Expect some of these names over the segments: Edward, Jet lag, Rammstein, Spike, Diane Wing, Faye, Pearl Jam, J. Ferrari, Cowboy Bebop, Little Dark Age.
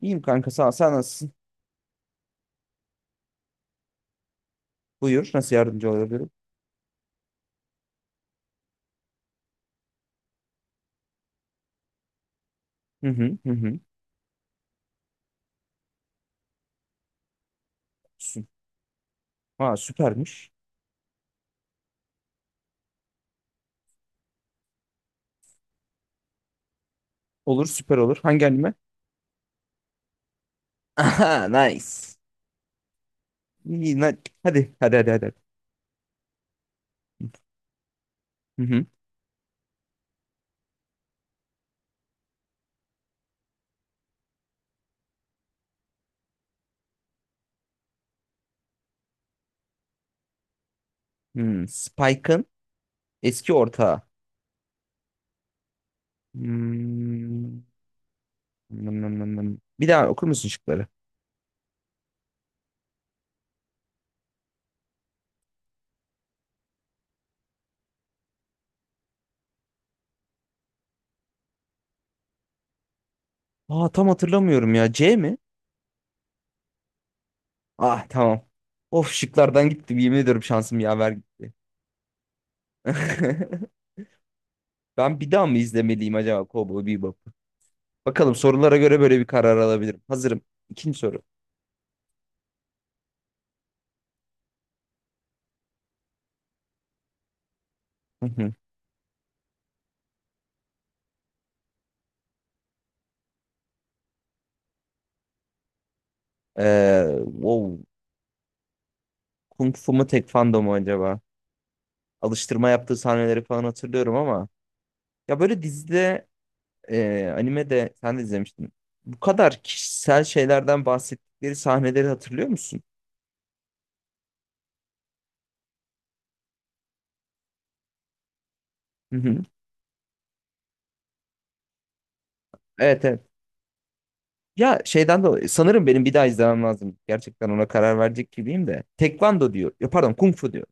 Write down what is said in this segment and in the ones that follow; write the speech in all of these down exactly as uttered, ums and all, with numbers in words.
İyiyim kanka sağ ol. Sen nasılsın? Buyur. Nasıl yardımcı olabilirim? Hı hı hı hı. Sü- Ha süpermiş. Olur süper olur. Hangi anime? Aha, nice. İyi, na- Hadi hadi hadi hadi. Hı hı. Hmm, Spike'ın eski ortağı. Hmm. nım, nım, nım, nım. Bir daha okur musun şıkları? Aa tam hatırlamıyorum ya. C mi? Ah tamam. Of şıklardan gitti. Yemin ediyorum şansım yaver gitti. Ben bir daha mı izlemeliyim acaba Cowboy Bebop? Bakalım sorulara göre böyle bir karar alabilirim. Hazırım. İkinci soru. Hı hı. Ee, wow. Kung Fu mu Tekvando mu acaba? Alıştırma yaptığı sahneleri falan hatırlıyorum ama ya böyle dizide e, animede sen de izlemiştin. Bu kadar kişisel şeylerden bahsettikleri sahneleri hatırlıyor musun? Hı hı. Evet evet. Ya şeyden dolayı sanırım benim bir daha izlemem lazım. Gerçekten ona karar verecek gibiyim de. Tekvando diyor. Ya pardon Kung Fu diyor.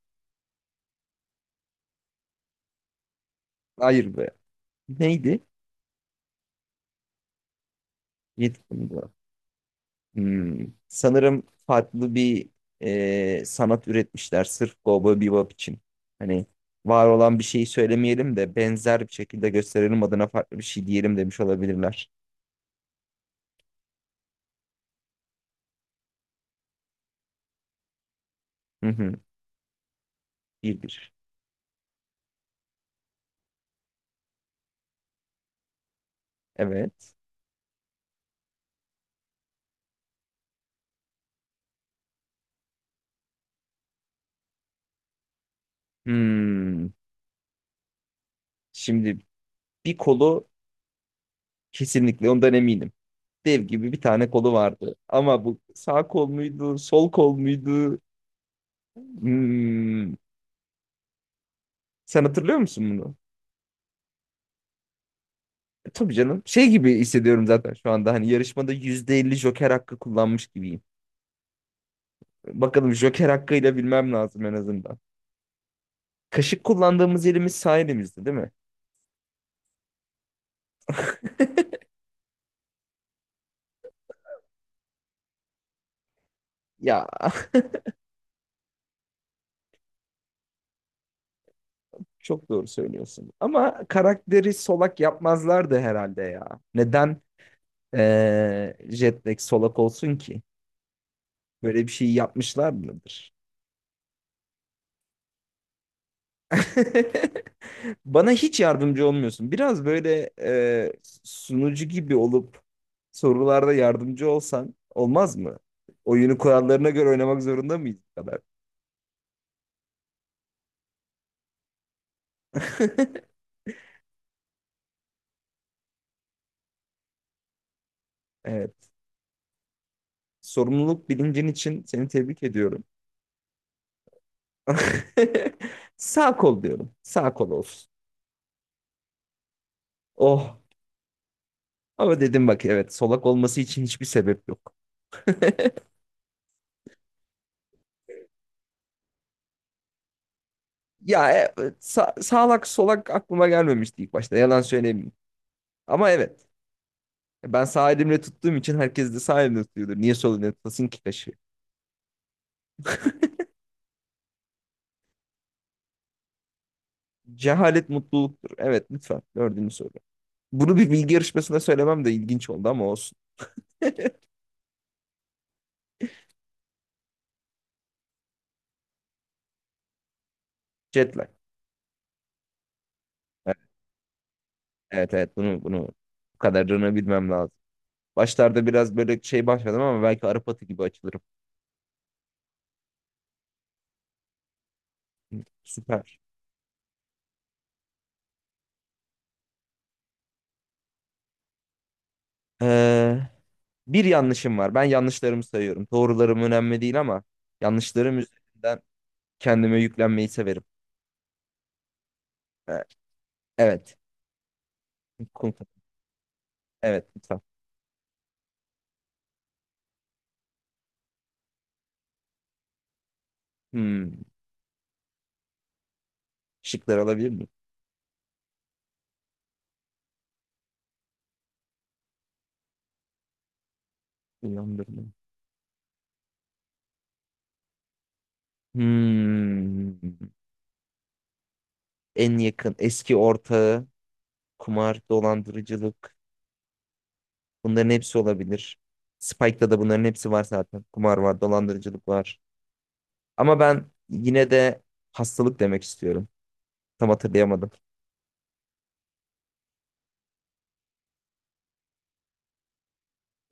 Hayır be. Neydi? Yedi. Hmm. Sanırım farklı bir e, sanat üretmişler sırf Cowboy Bebop için. Hani var olan bir şeyi söylemeyelim de benzer bir şekilde gösterelim adına farklı bir şey diyelim demiş olabilirler. Hı hı. Bir bir. Evet. Hmm. Şimdi bir kolu kesinlikle ondan eminim. Dev gibi bir tane kolu vardı. Ama bu sağ kol muydu, sol kol muydu? Hmm. Sen hatırlıyor musun bunu? Tabii canım. Şey gibi hissediyorum zaten şu anda. Hani yarışmada yüzde elli Joker hakkı kullanmış gibiyim. Bakalım Joker hakkıyla bilmem lazım en azından. Kaşık kullandığımız elimiz sağ elimizdi, değil mi? Ya çok doğru söylüyorsun. Ama karakteri solak yapmazlardı herhalde ya. Neden ee, Jetlag solak olsun ki? Böyle bir şey yapmışlar mıdır? Bana hiç yardımcı olmuyorsun. Biraz böyle e, sunucu gibi olup sorularda yardımcı olsan olmaz mı? Oyunu kurallarına göre oynamak zorunda mıyız bu kadar? Evet. Sorumluluk bilincin için seni tebrik ediyorum. Sağ kol diyorum. Sağ kol olsun. Oh. Ama dedim bak evet solak olması için hiçbir sebep yok. Ya e, sa- sağlak solak aklıma gelmemişti ilk başta yalan söylemeyeyim. Ama evet, ben sağ elimle tuttuğum için herkes de sağ elimle tutuyordur. Niye sol elimle tutasın ki taşı? Cehalet mutluluktur. Evet lütfen. Dördüncü soru. Bunu bir bilgi yarışmasında söylemem de ilginç oldu ama olsun. Jet lag. Evet evet evet. bunu bunu bu kadarını bilmem lazım. Başlarda biraz böyle şey başladım ama belki Arap atı gibi açılırım. Süper. Ee, bir yanlışım var. Ben yanlışlarımı sayıyorum. Doğrularım önemli değil ama yanlışlarım üzerinden kendime yüklenmeyi severim. Evet. Evet. Kul- Evet lütfen. Hmm. Şıkları alabilir miyim? Uyandırma. Hmm. En yakın eski ortağı, kumar, dolandırıcılık. Bunların hepsi olabilir. Spike'da da bunların hepsi var zaten. Kumar var, dolandırıcılık var. Ama ben yine de hastalık demek istiyorum. Tam hatırlayamadım.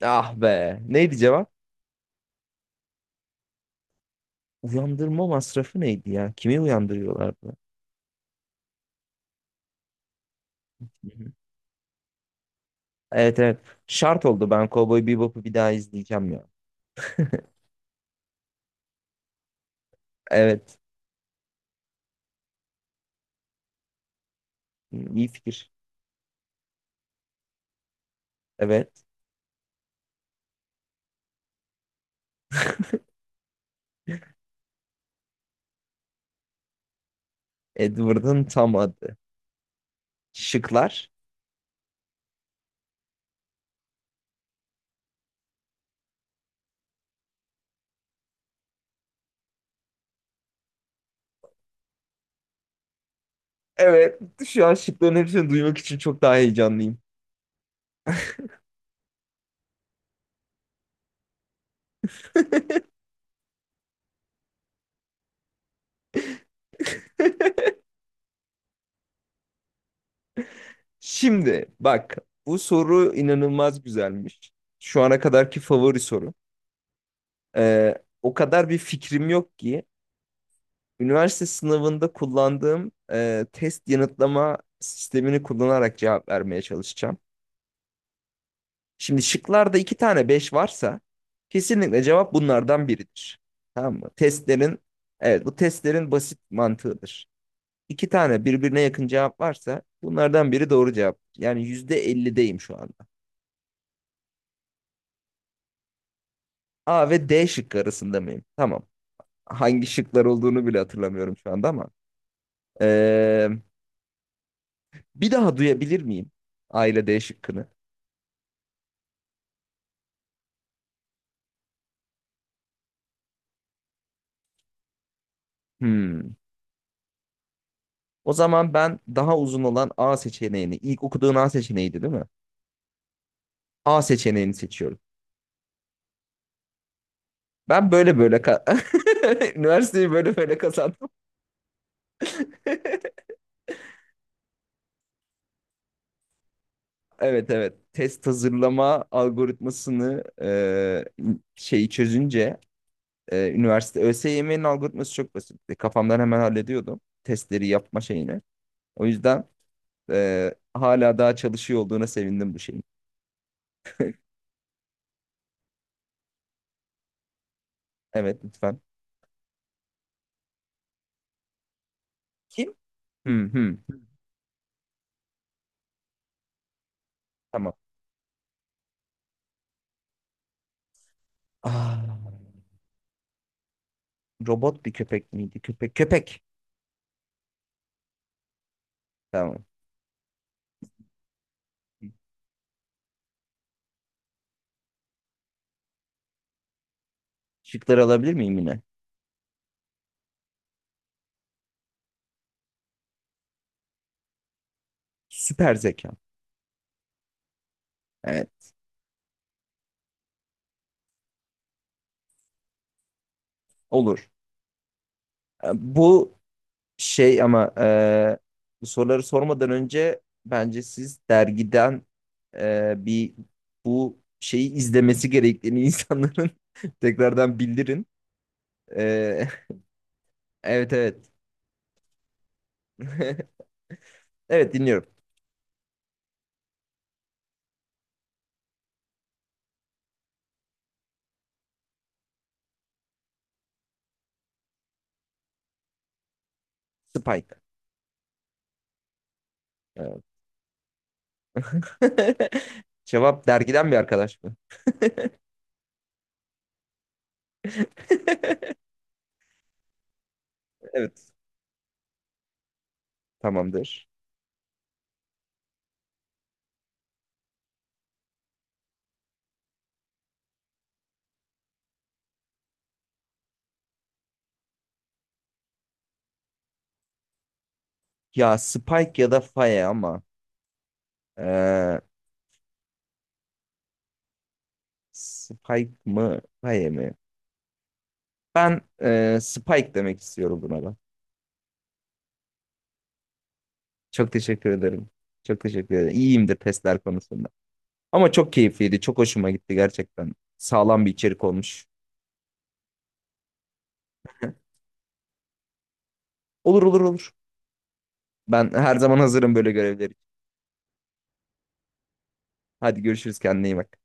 Ah be. Neydi cevap? Uyandırma masrafı neydi ya? Kimi uyandırıyorlardı? Hı hı. Evet evet. Şart oldu. Ben Cowboy Bebop'u bir daha izleyeceğim ya. Evet. İyi fikir. Evet. Edward'ın tam adı. Şıklar. Evet, şu an şıkların hepsini duymak için çok daha heyecanlıyım. Şimdi bak, bu soru inanılmaz güzelmiş. Şu ana kadarki favori soru. Ee, o kadar bir fikrim yok ki üniversite sınavında kullandığım e, test yanıtlama sistemini kullanarak cevap vermeye çalışacağım. Şimdi şıklarda iki tane beş varsa kesinlikle cevap bunlardan biridir. Tamam mı? Testlerin, evet bu testlerin basit mantığıdır. İki tane birbirine yakın cevap varsa bunlardan biri doğru cevap. Yani yüzde ellideyim şu anda. A ve D şıkkı arasında mıyım? Tamam. Hangi şıklar olduğunu bile hatırlamıyorum şu anda ama. Ee, bir daha duyabilir miyim A ile D şıkkını? Hmm. O zaman ben daha uzun olan A seçeneğini, ilk okuduğun A seçeneğiydi değil mi? A seçeneğini seçiyorum. Ben böyle böyle ka- üniversiteyi böyle böyle kazandım. Evet evet. Test hazırlama algoritmasını e, şeyi çözünce. Ee, üniversite ÖSYM'nin algoritması çok basitti. Kafamdan hemen hallediyordum testleri yapma şeyini. O yüzden e, hala daha çalışıyor olduğuna sevindim bu şeyin. Evet lütfen. Kim? Hı hı. Tamam. Ah, robot bir köpek miydi? Köpek. Köpek. Tamam. Şıkları alabilir miyim yine? Süper zeka. Evet. Olur. E, Bu Şey ama e, bu soruları sormadan önce bence siz dergiden e, bir bu şeyi izlemesi gerektiğini insanların tekrardan bildirin. E, evet evet. Evet dinliyorum. Spike. Evet. Cevap dergiden bir arkadaş mı? Evet. Tamamdır. Ya Spike ya da Faye ama e, Spike mı Faye mi? Ben e, Spike demek istiyorum buna da. Çok teşekkür ederim. Çok teşekkür ederim. İyiyimdir testler konusunda. Ama çok keyifliydi. Çok hoşuma gitti gerçekten. Sağlam bir içerik olmuş. Olur olur olur. Ben her zaman hazırım böyle görevler için. Hadi görüşürüz. Kendine iyi bak.